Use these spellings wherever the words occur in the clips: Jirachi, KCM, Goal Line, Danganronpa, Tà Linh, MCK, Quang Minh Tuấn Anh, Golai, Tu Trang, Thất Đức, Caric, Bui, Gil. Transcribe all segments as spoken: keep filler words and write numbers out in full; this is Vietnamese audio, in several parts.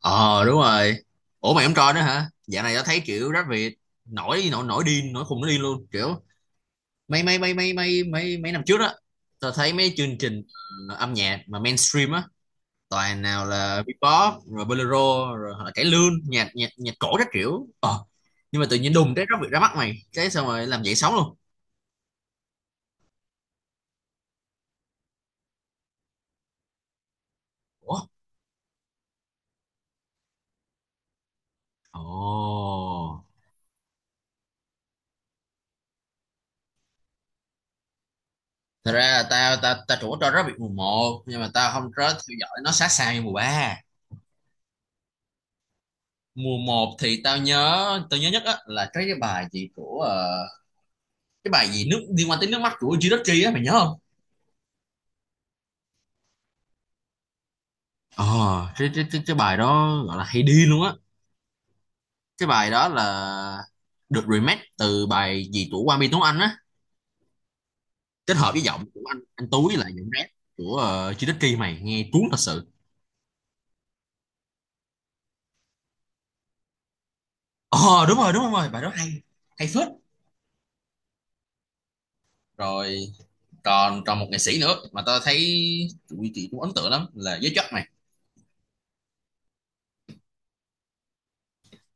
Ờ, đúng rồi. Ủa mày không coi nữa hả? Dạo này tao thấy kiểu rap Việt nổi nổi nổi điên, nổi khùng nó điên luôn, kiểu mấy mấy mấy mấy mấy mấy mấy năm trước á, tao thấy mấy chương trình ờ, âm nhạc mà mainstream á, toàn nào là Bebop rồi bolero rồi hoặc là cải lương, nhạc nhạc nhạc cổ các kiểu. Ờ. Nhưng mà tự nhiên đùng cái rap Việt ra mắt mày, cái xong rồi làm dậy sóng luôn. Ủa? Ồ. Thật ra là tao tao tao chủ cho rap Việt mùa một nhưng mà tao không có theo dõi nó sát sao như mùa ba. Mùa một thì tao nhớ tao nhớ nhất á là cái cái bài gì của ờ, cái bài gì nước liên quan tới nước mắt của Jirachi á, mày nhớ không? Ờ, cái, cái cái cái bài đó gọi là hay đi luôn á. Cái bài đó là được remake từ bài gì của Quang Minh Tuấn Anh á, kết hợp với giọng của anh anh Tú với lại giọng rap của uh, Jirachi mày nghe cuốn thật sự. Ờ đúng rồi đúng rồi, bài đó hay hay phết. Rồi còn còn một nghệ sĩ nữa mà tao thấy tụi chị cũng ấn tượng lắm là giới chất mày,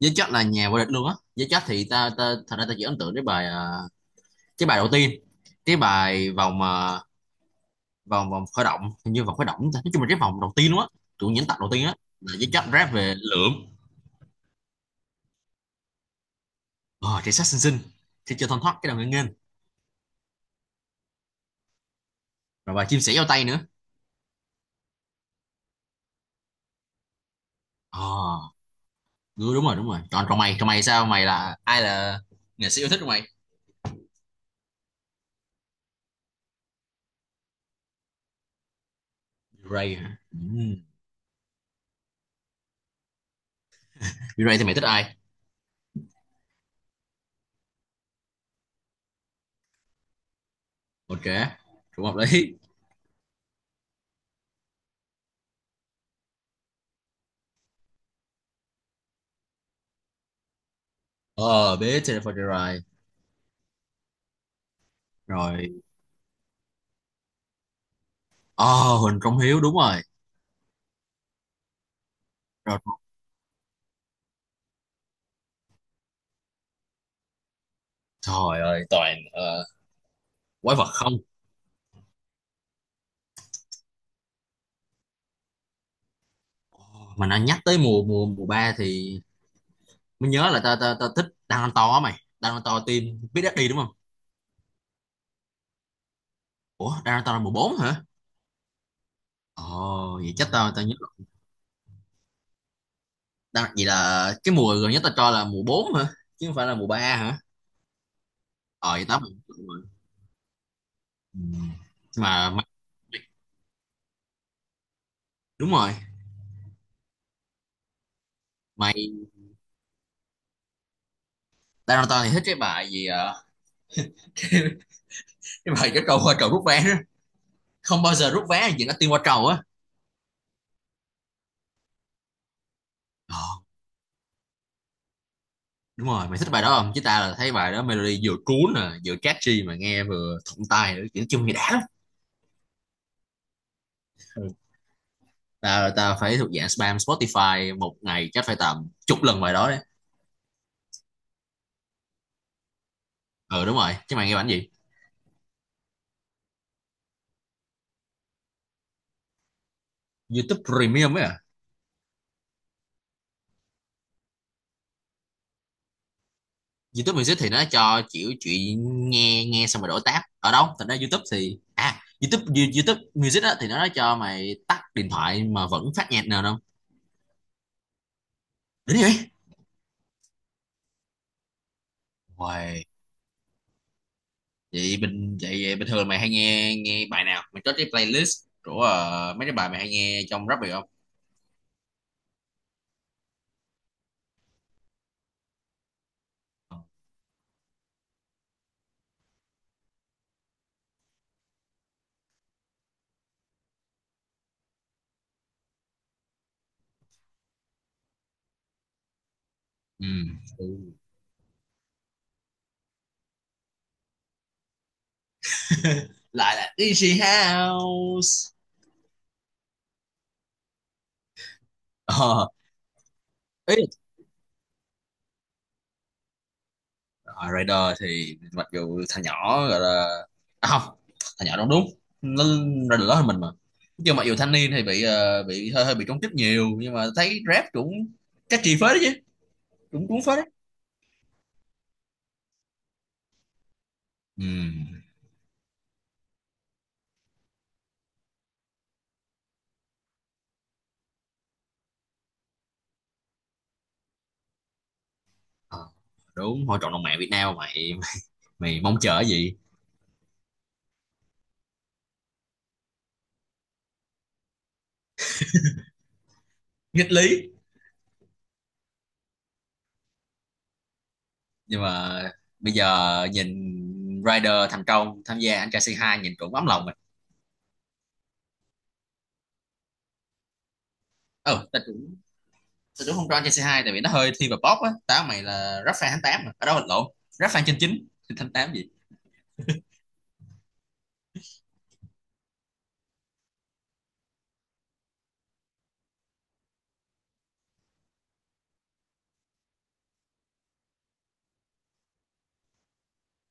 với chất là nhà vô địch luôn á. Với chất thì ta, ta thật ra ta chỉ ấn tượng với bài à, cái bài đầu tiên, cái bài vòng mà vòng vòng khởi động, hình như vòng khởi động, ta nói chung là cái vòng đầu tiên luôn á, tụi những tập đầu tiên á, là với chất rap về lượm. Ờ thì sát xinh xinh thì chưa thoăn thoát cái đầu nghênh nghênh, rồi bài chim sẻ giao tay nữa. Ờ đúng đúng rồi đúng rồi. Còn còn mày, còn mày sao, mày là ai, là nghệ sĩ yêu thích của mày? Ray hả, ừ. Ray thì mày thích ai? Ok, cũng hợp lý. ờ Bé Jennifer Ray. Rồi ờ Huỳnh Công Hiếu, đúng rồi. Rồi, trời ơi, toàn ờ, quái vật không. Mà nó nhắc tới mùa mùa mùa ba thì mới nhớ là tao tao tao thích Danganronpa á mày. Danganronpa team biết đi đúng không? Ủa Danganronpa là mùa bốn hả? Ồ vậy chắc tao tao nhớ rồi. Đan- vậy là cái mùa gần nhất tao cho là mùa bốn hả? Chứ không phải là mùa ba hả? Ờ vậy tao đúng rồi. Ừ. Mà mày, đúng rồi. Mày Danganronpa thì thích cái bài gì ờ, cái bài cái trâu qua trầu rút vé đó. Không bao giờ rút vé là chuyện nó tiên qua trầu á. Ồ, đúng rồi, mày thích bài đó không? Chứ ta là thấy bài đó melody vừa cuốn nè, vừa catchy mà nghe vừa thuận tai nữa, kiểu chung nghe đã lắm. Ừ. ta ta phải thuộc dạng spam Spotify một ngày chắc phải tầm chục lần bài đó đấy. Ừ đúng rồi, chứ mày nghe bản gì? YouTube Premium ấy à? YouTube Music thì nó cho kiểu chuyện nghe nghe xong rồi đổi tab ở đâu thành ra YouTube, thì à YouTube You- YouTube Music á thì nó cho mày tắt điện thoại mà vẫn phát nhạc nào không? Đúng vậy. Uầy, vậy bình vậy, vậy bình thường mày hay nghe nghe bài nào, mày có cái playlist của ờ, mấy cái bài mày hay nghe trong rap được không? Ừ, ừ. Lại là Easy House. ờ Ý là Rider thì mặc dù thằng nhỏ gọi là à, không thằng nhỏ đúng đúng, nó ra được lớn hơn mình mà, nhưng mặc dù thanh niên thì bị ờ, bị hơi hơi bị công kích nhiều, nhưng mà thấy rap cũng catchy chi phết đấy chứ, cũng cuốn phết đấy. Ừ. Ờ, đúng thôi, cộng đồng mạng Việt Nam mày, mày mong chờ cái gì? Nghịch lý. Nhưng mà bây giờ nhìn Rider thành công tham gia anh trai c hai, nhìn cũng ấm lòng mình. Ừ tao cũng tao cũng không cho anh trai c hai tại vì nó hơi thiên về pop á. Tao mày là rap fan tháng tám mà, ở đâu là lộn, rap fan trên chín tháng tám gì.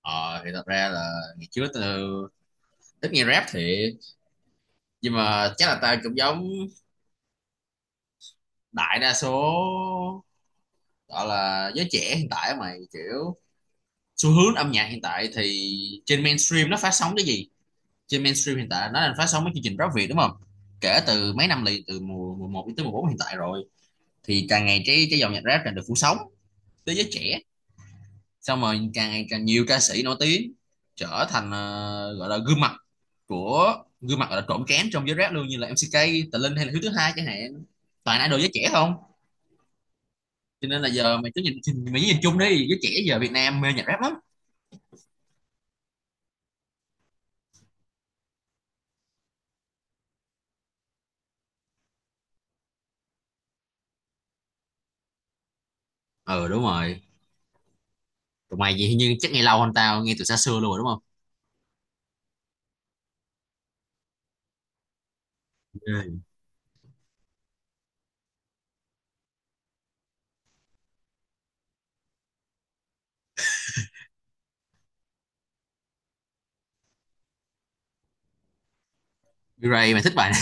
Ờ thì thật ra là ngày trước tao ít nghe rap thiệt, nhưng mà chắc là tao cũng giống đại đa số gọi là giới trẻ hiện tại á mày, kiểu xu hướng âm nhạc hiện tại thì trên mainstream nó phát sóng cái gì. Trên mainstream hiện tại nó đang phát sóng mấy chương trình rap Việt đúng không, kể từ mấy năm liền, từ mùa mùa một đến mùa bốn hiện tại rồi, thì càng ngày cái cái dòng nhạc rap càng được phủ sóng tới giới trẻ. Xong rồi càng ngày càng nhiều ca sĩ nổi tiếng trở thành ờ, gọi là gương mặt của, gương mặt gọi là trộn trán trong giới rap luôn, như là em xê ca, Tà Linh hay là Hiếu thứ hai chẳng hạn, toàn idol giới trẻ không. Cho nên là giờ mày cứ nhìn, mày cứ nhìn chung đi, giới trẻ giờ Việt Nam mê nhạc rap lắm. Ừ đúng rồi, tụi mày gì nhưng chắc nghe lâu hơn, tao nghe từ xa xưa luôn rồi đúng không? Ừ. Mirai mày thích bài này.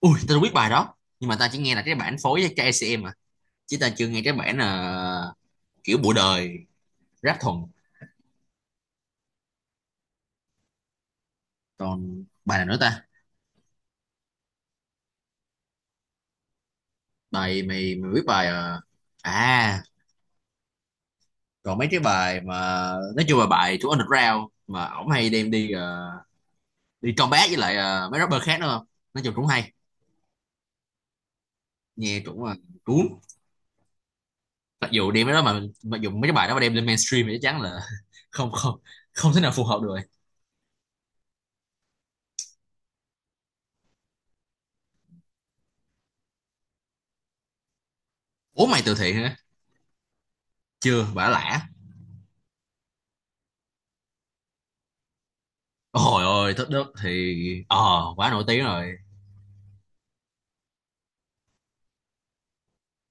Ui, tao biết bài đó. Nhưng mà tao chỉ nghe là cái bản phối với ca xê em à. Chứ tao chưa nghe cái bản ờ, kiểu bụi đời rap thuần. Còn bài nào nữa ta? Bài mày mày biết bài ờ, à còn mấy cái bài mà nói chung là bài của Underground mà ổng hay đem đi ờ, đi combat với lại ờ, mấy rapper khác nữa không? Nói chung cũng hay. Nghe cũng là cuốn. Mặc dù đem cái đó mà mặc dù mấy cái bài đó mà đem lên mainstream thì chắc chắn là không không không thể nào phù hợp được. Rồi. Ủa mày từ thiện hả? Chưa, bả lả. Ôi ôi, Thất Đức thì ờ quá nổi tiếng rồi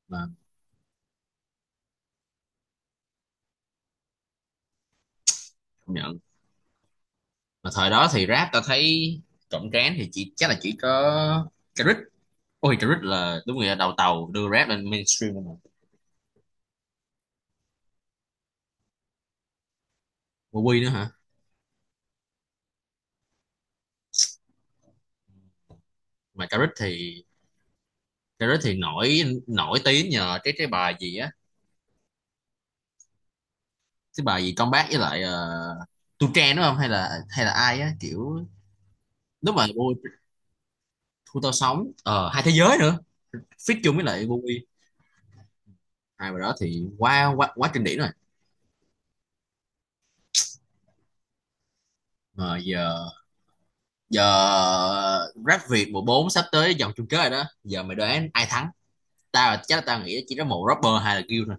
mà. Công nhận mà thời đó thì rap ta thấy cộng tráng thì chỉ, chắc là chỉ có Caric. Ôi Caric là đúng người đầu tàu đưa rap lên mainstream rồi mà. Mà Quy nữa hả? Mà Caric thì Caric thì nổi nổi tiếng nhờ cái cái bài gì á, cái bài gì comeback với lại uh, Tu Trang đúng không, hay là hay là ai á kiểu lúc mà Bui thu tao sống ờ hai thế giới nữa, feat chung với lại Bui, hai bài đó thì quá quá quá kinh điển rồi. Mà giờ giờ rap Việt mùa bốn sắp tới vòng chung kết rồi đó, giờ mày đoán ai thắng? Tao chắc là tao nghĩ chỉ có một rapper hay là Gil thôi.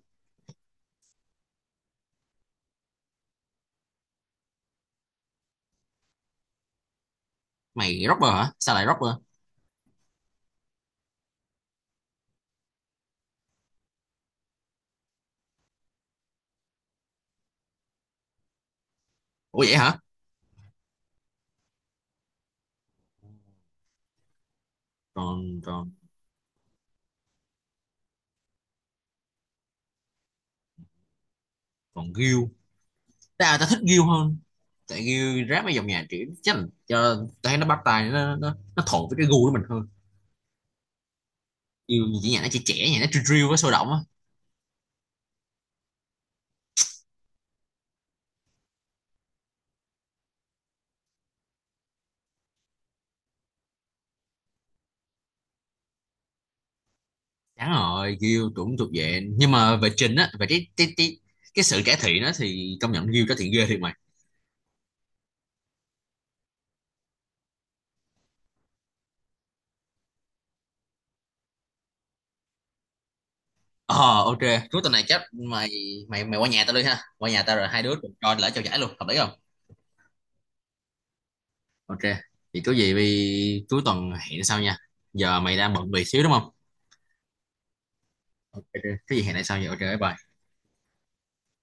Mày rapper hả, sao lại rapper? Ủa vậy hả? Còn còn Còn Gil, tao tao thích Gil hơn, tại Gil rap mấy dòng nhạc kiểu chắc là cho, tao thấy nó bắt tai, nó nó nó thuận với cái gu của mình hơn. Gil chỉ nhạc nó chỉ trẻ, nhạc nó drill drill với sôi động á. Chán rồi Gil cũng thuộc về, nhưng mà về trình á, về cái cái cái cái sự cải thiện đó thì công nhận Gil cải thiện ghê thiệt mày. Ờ ok. Cuối tuần này chắc mày mày mày qua nhà tao đi ha, qua nhà tao rồi hai đứa cùng coi lễ trao giải luôn, hợp lý không? Ok. Thì có gì vì cuối tuần hẹn sau nha, giờ mày đang bận việc xíu đúng không? Ok ok. Cái gì hẹn lại sau vậy, ok bye bye.